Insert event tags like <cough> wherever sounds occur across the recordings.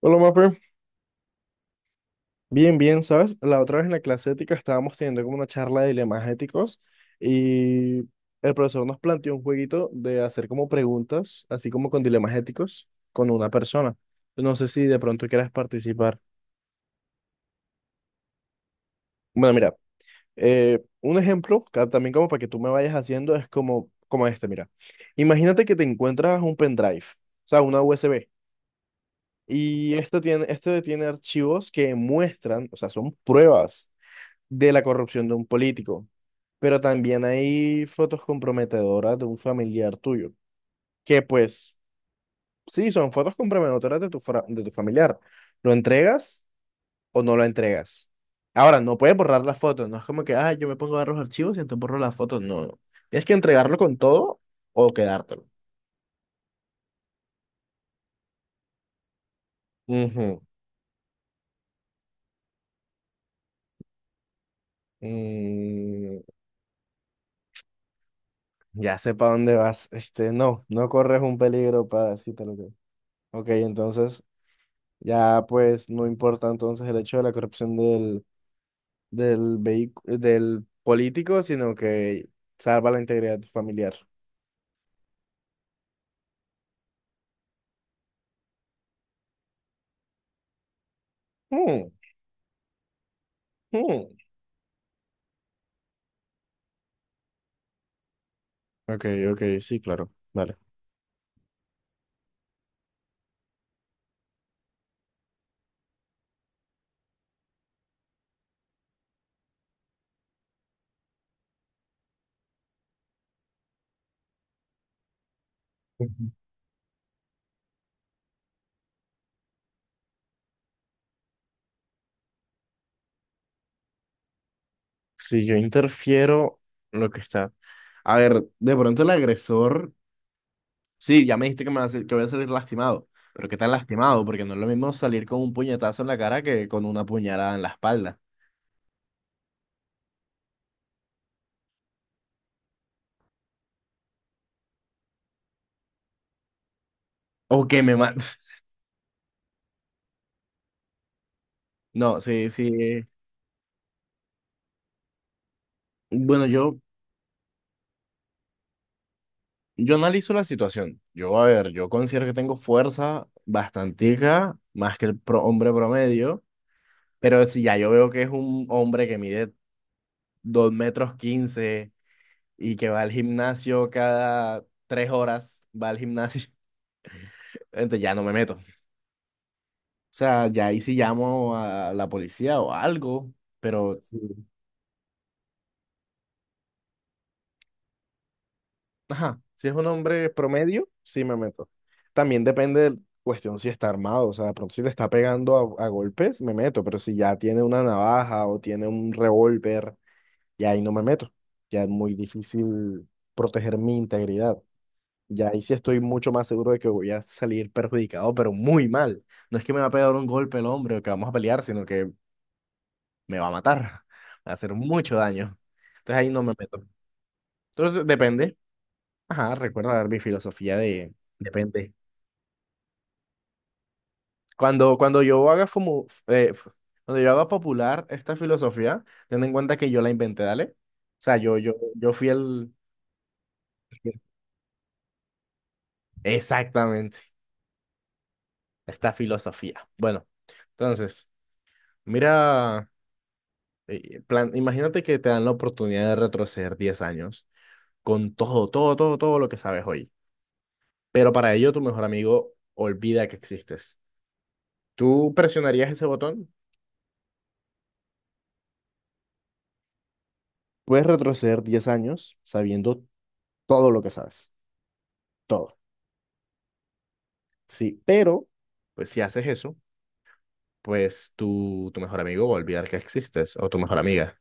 Hola, Mapper. Bien, bien, ¿sabes? La otra vez en la clase ética estábamos teniendo como una charla de dilemas éticos y el profesor nos planteó un jueguito de hacer como preguntas, así como con dilemas éticos, con una persona. No sé si de pronto quieras participar. Bueno, mira, un ejemplo, también como para que tú me vayas haciendo, es como, como este, mira. Imagínate que te encuentras un pendrive, o sea, una USB, y esto tiene archivos que muestran, o sea, son pruebas de la corrupción de un político. Pero también hay fotos comprometedoras de un familiar tuyo, que pues sí, son fotos comprometedoras de de tu familiar. ¿Lo entregas o no lo entregas? Ahora, no puedes borrar las fotos, no es como que, ah, yo me pongo a ver los archivos y entonces borro las fotos. No, no. Tienes que entregarlo con todo o quedártelo. Ujú. Mm, ya sé para dónde vas. Este, no, no corres un peligro para decirte lo que. Ok, entonces ya pues no importa entonces el hecho de la corrupción del del político, sino que salva la integridad familiar. Mm, mm. Ok, ok, sí, claro. Vale. Ujú. Si yo interfiero, lo que está. A ver, de pronto el agresor. Sí, ya me dijiste que, me va a sal- que voy a salir lastimado. Pero ¿qué tan lastimado? Porque no es lo mismo salir con un puñetazo en la cara que con una puñalada en la espalda. O que me mates. <laughs> No, sí, sí. Bueno, yo Yo analizo la situación. Yo, a ver, yo considero que tengo fuerza bastantica, más que el hombre promedio, pero si ya yo veo que es un hombre que mide 2 metros 15 y que va al gimnasio cada 3 horas, va al gimnasio, <laughs> entonces ya no me meto. O sea, ya ahí sí llamo a la policía o algo, pero sí. Ajá, si es un hombre promedio, sí me meto. También depende de cuestión si está armado, o sea, de pronto si le está pegando a golpes, me meto, pero si ya tiene una navaja o tiene un revólver, ya ahí no me meto. Ya es muy difícil proteger mi integridad. Ya ahí sí estoy mucho más seguro de que voy a salir perjudicado, pero muy mal. No es que me va a pegar un golpe el hombre o que vamos a pelear, sino que me va a matar, <laughs> me va a hacer mucho daño. Entonces ahí no me meto. Entonces depende. Ajá, recuerda dar mi filosofía de depende. Cuando yo haga cuando yo haga popular esta filosofía, ten en cuenta que yo la inventé, dale. O sea, yo fui el exactamente esta filosofía. Bueno, entonces, mira, plan, imagínate que te dan la oportunidad de retroceder 10 años con todo, todo, todo, todo lo que sabes hoy. Pero para ello tu mejor amigo olvida que existes. ¿Tú presionarías ese botón? Puedes retroceder 10 años sabiendo todo lo que sabes, todo. Sí, pero pues si haces eso, pues tu mejor amigo va a olvidar que existes o tu mejor amiga.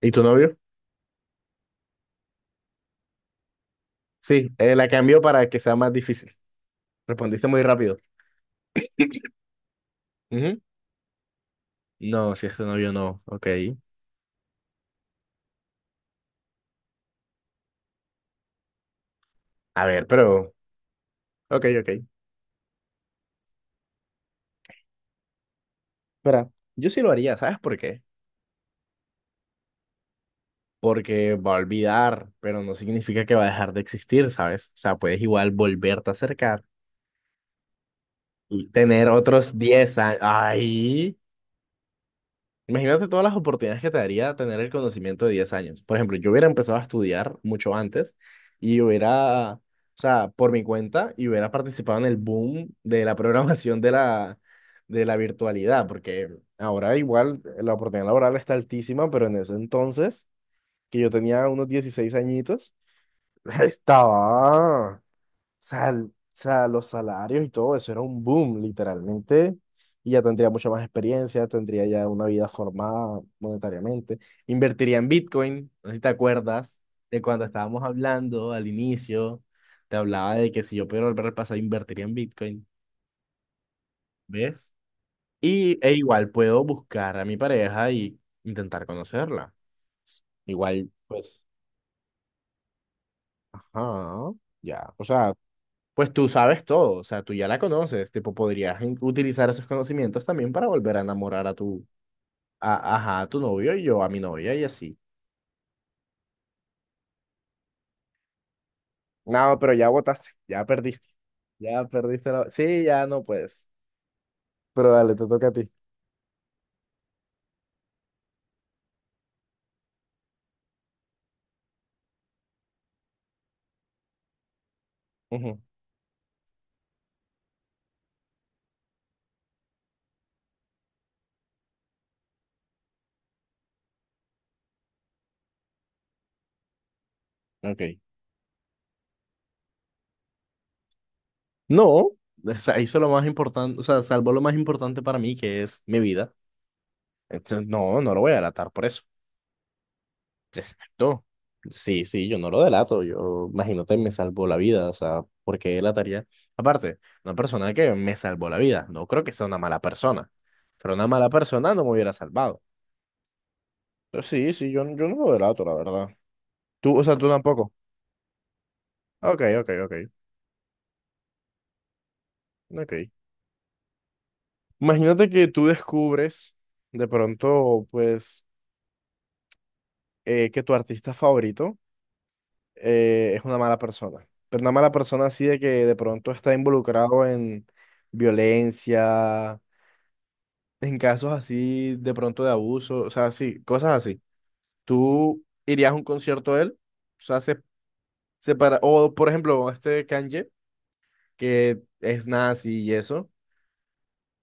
¿Y tu novio? Sí, la cambió para que sea más difícil. Respondiste muy rápido. Ujú. No, si es tu novio, no. Ok. A ver, pero... Ok, ok. Espera, yo sí lo haría, ¿sabes por qué? Porque va a olvidar, pero no significa que va a dejar de existir, ¿sabes? O sea, puedes igual volverte a acercar y tener otros 10 años. ¡Ay! Imagínate todas las oportunidades que te daría tener el conocimiento de 10 años. Por ejemplo, yo hubiera empezado a estudiar mucho antes y hubiera, o sea, por mi cuenta, y hubiera participado en el boom de la <laughs> programación de de la virtualidad, porque ahora igual la oportunidad laboral está altísima, pero en ese entonces, que yo tenía unos 16 añitos, <laughs> estaba... O sea, o sea, los salarios y todo eso era un boom, literalmente. Y ya tendría mucha más experiencia, tendría ya una vida formada monetariamente. Invertiría en Bitcoin, no sé si te acuerdas de cuando estábamos hablando al inicio, te hablaba de que si yo pudiera volver al pasado, invertiría en Bitcoin, ¿ves? Y e igual puedo buscar a mi pareja y intentar conocerla. Igual, pues, ajá, ya. O sea, pues tú sabes todo, o sea, tú ya la conoces, tipo, podrías utilizar esos conocimientos también para volver a enamorar a tu, ajá, a tu novio y yo a mi novia y así. No, pero ya votaste, ya perdiste. Ya perdiste la... Sí, ya no puedes. Pero dale, te toca a ti. Ujú, ok. No, o sea, hizo lo más importante, o sea, salvó lo más importante para mí, que es mi vida. Entonces, no, no lo voy a delatar por eso. Exacto. Sí, sí, yo no lo delato, yo imagínate, me salvó la vida, o sea, porque él delataría? Aparte, una persona que me salvó la vida, no creo que sea una mala persona, pero una mala persona no me hubiera salvado. Pero sí, sí, yo no lo delato, la verdad. Tú, o sea, tú tampoco. Ok, ok, ok, ok. Imagínate que tú descubres de pronto, pues, que tu artista favorito es una mala persona. Pero una mala persona así de que de pronto está involucrado en violencia, en casos así de pronto de abuso, o sea, sí, cosas así. ¿Tú irías a un concierto de él? O sea, o por ejemplo, este Kanye, que es nazi y eso,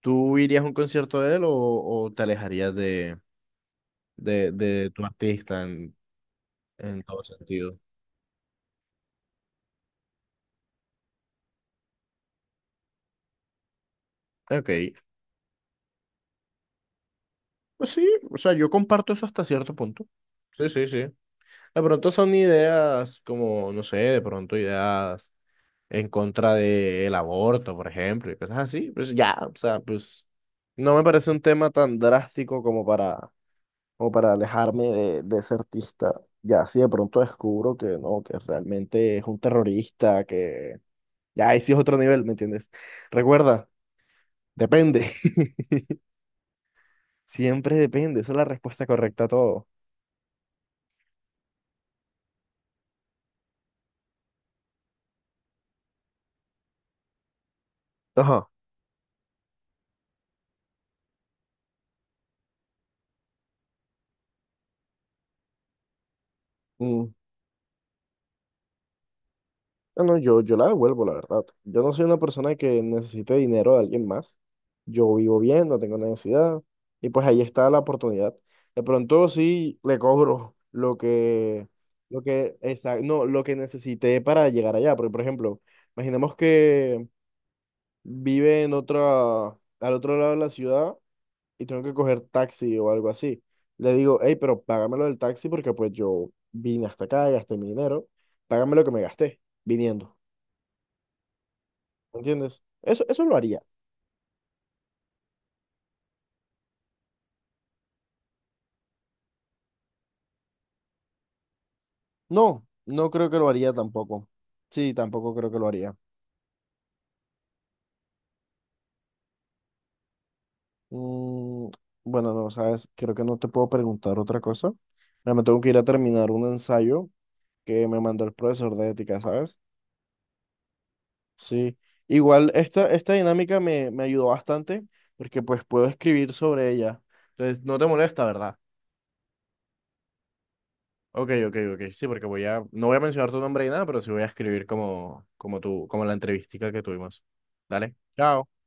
¿tú irías a un concierto de él o te alejarías de tu artista en todo sentido? Ok, pues sí, o sea, yo comparto eso hasta cierto punto. Sí, sí, sí. De pronto son ideas como, no sé, de pronto ideas en contra del aborto, por ejemplo, y cosas así. Pues ya, o sea, pues no me parece un tema tan drástico como para, como para alejarme de ese artista. Ya, si de pronto descubro que no, que realmente es un terrorista, que ya, ahí sí es otro nivel, ¿me entiendes? Recuerda, depende. <laughs> Siempre depende, esa es la respuesta correcta a todo. Ajá. No, no, yo la devuelvo, la verdad. Yo no soy una persona que necesite dinero de alguien más. Yo vivo bien, no tengo necesidad. Y pues ahí está la oportunidad. De pronto sí le cobro no, lo que necesité para llegar allá. Porque, por ejemplo, imaginemos que vive en otra, al otro lado de la ciudad y tengo que coger taxi o algo así. Le digo, hey, pero págamelo del taxi porque pues yo vine hasta acá, gasté mi dinero, págame lo que me gasté viniendo. ¿Entiendes? Eso lo haría. No, no creo que lo haría tampoco. Sí, tampoco creo que lo haría. Mm, bueno, no, sabes, creo que no te puedo preguntar otra cosa. Ya me tengo que ir a terminar un ensayo que me mandó el profesor de ética, ¿sabes? Sí. Igual esta dinámica me ayudó bastante porque pues puedo escribir sobre ella. Entonces, no te molesta, ¿verdad? Ok, ok, ok. Sí, porque no voy a mencionar tu nombre ni nada, pero sí voy a escribir como, como tú, como la entrevistica que tuvimos. Dale. Chao.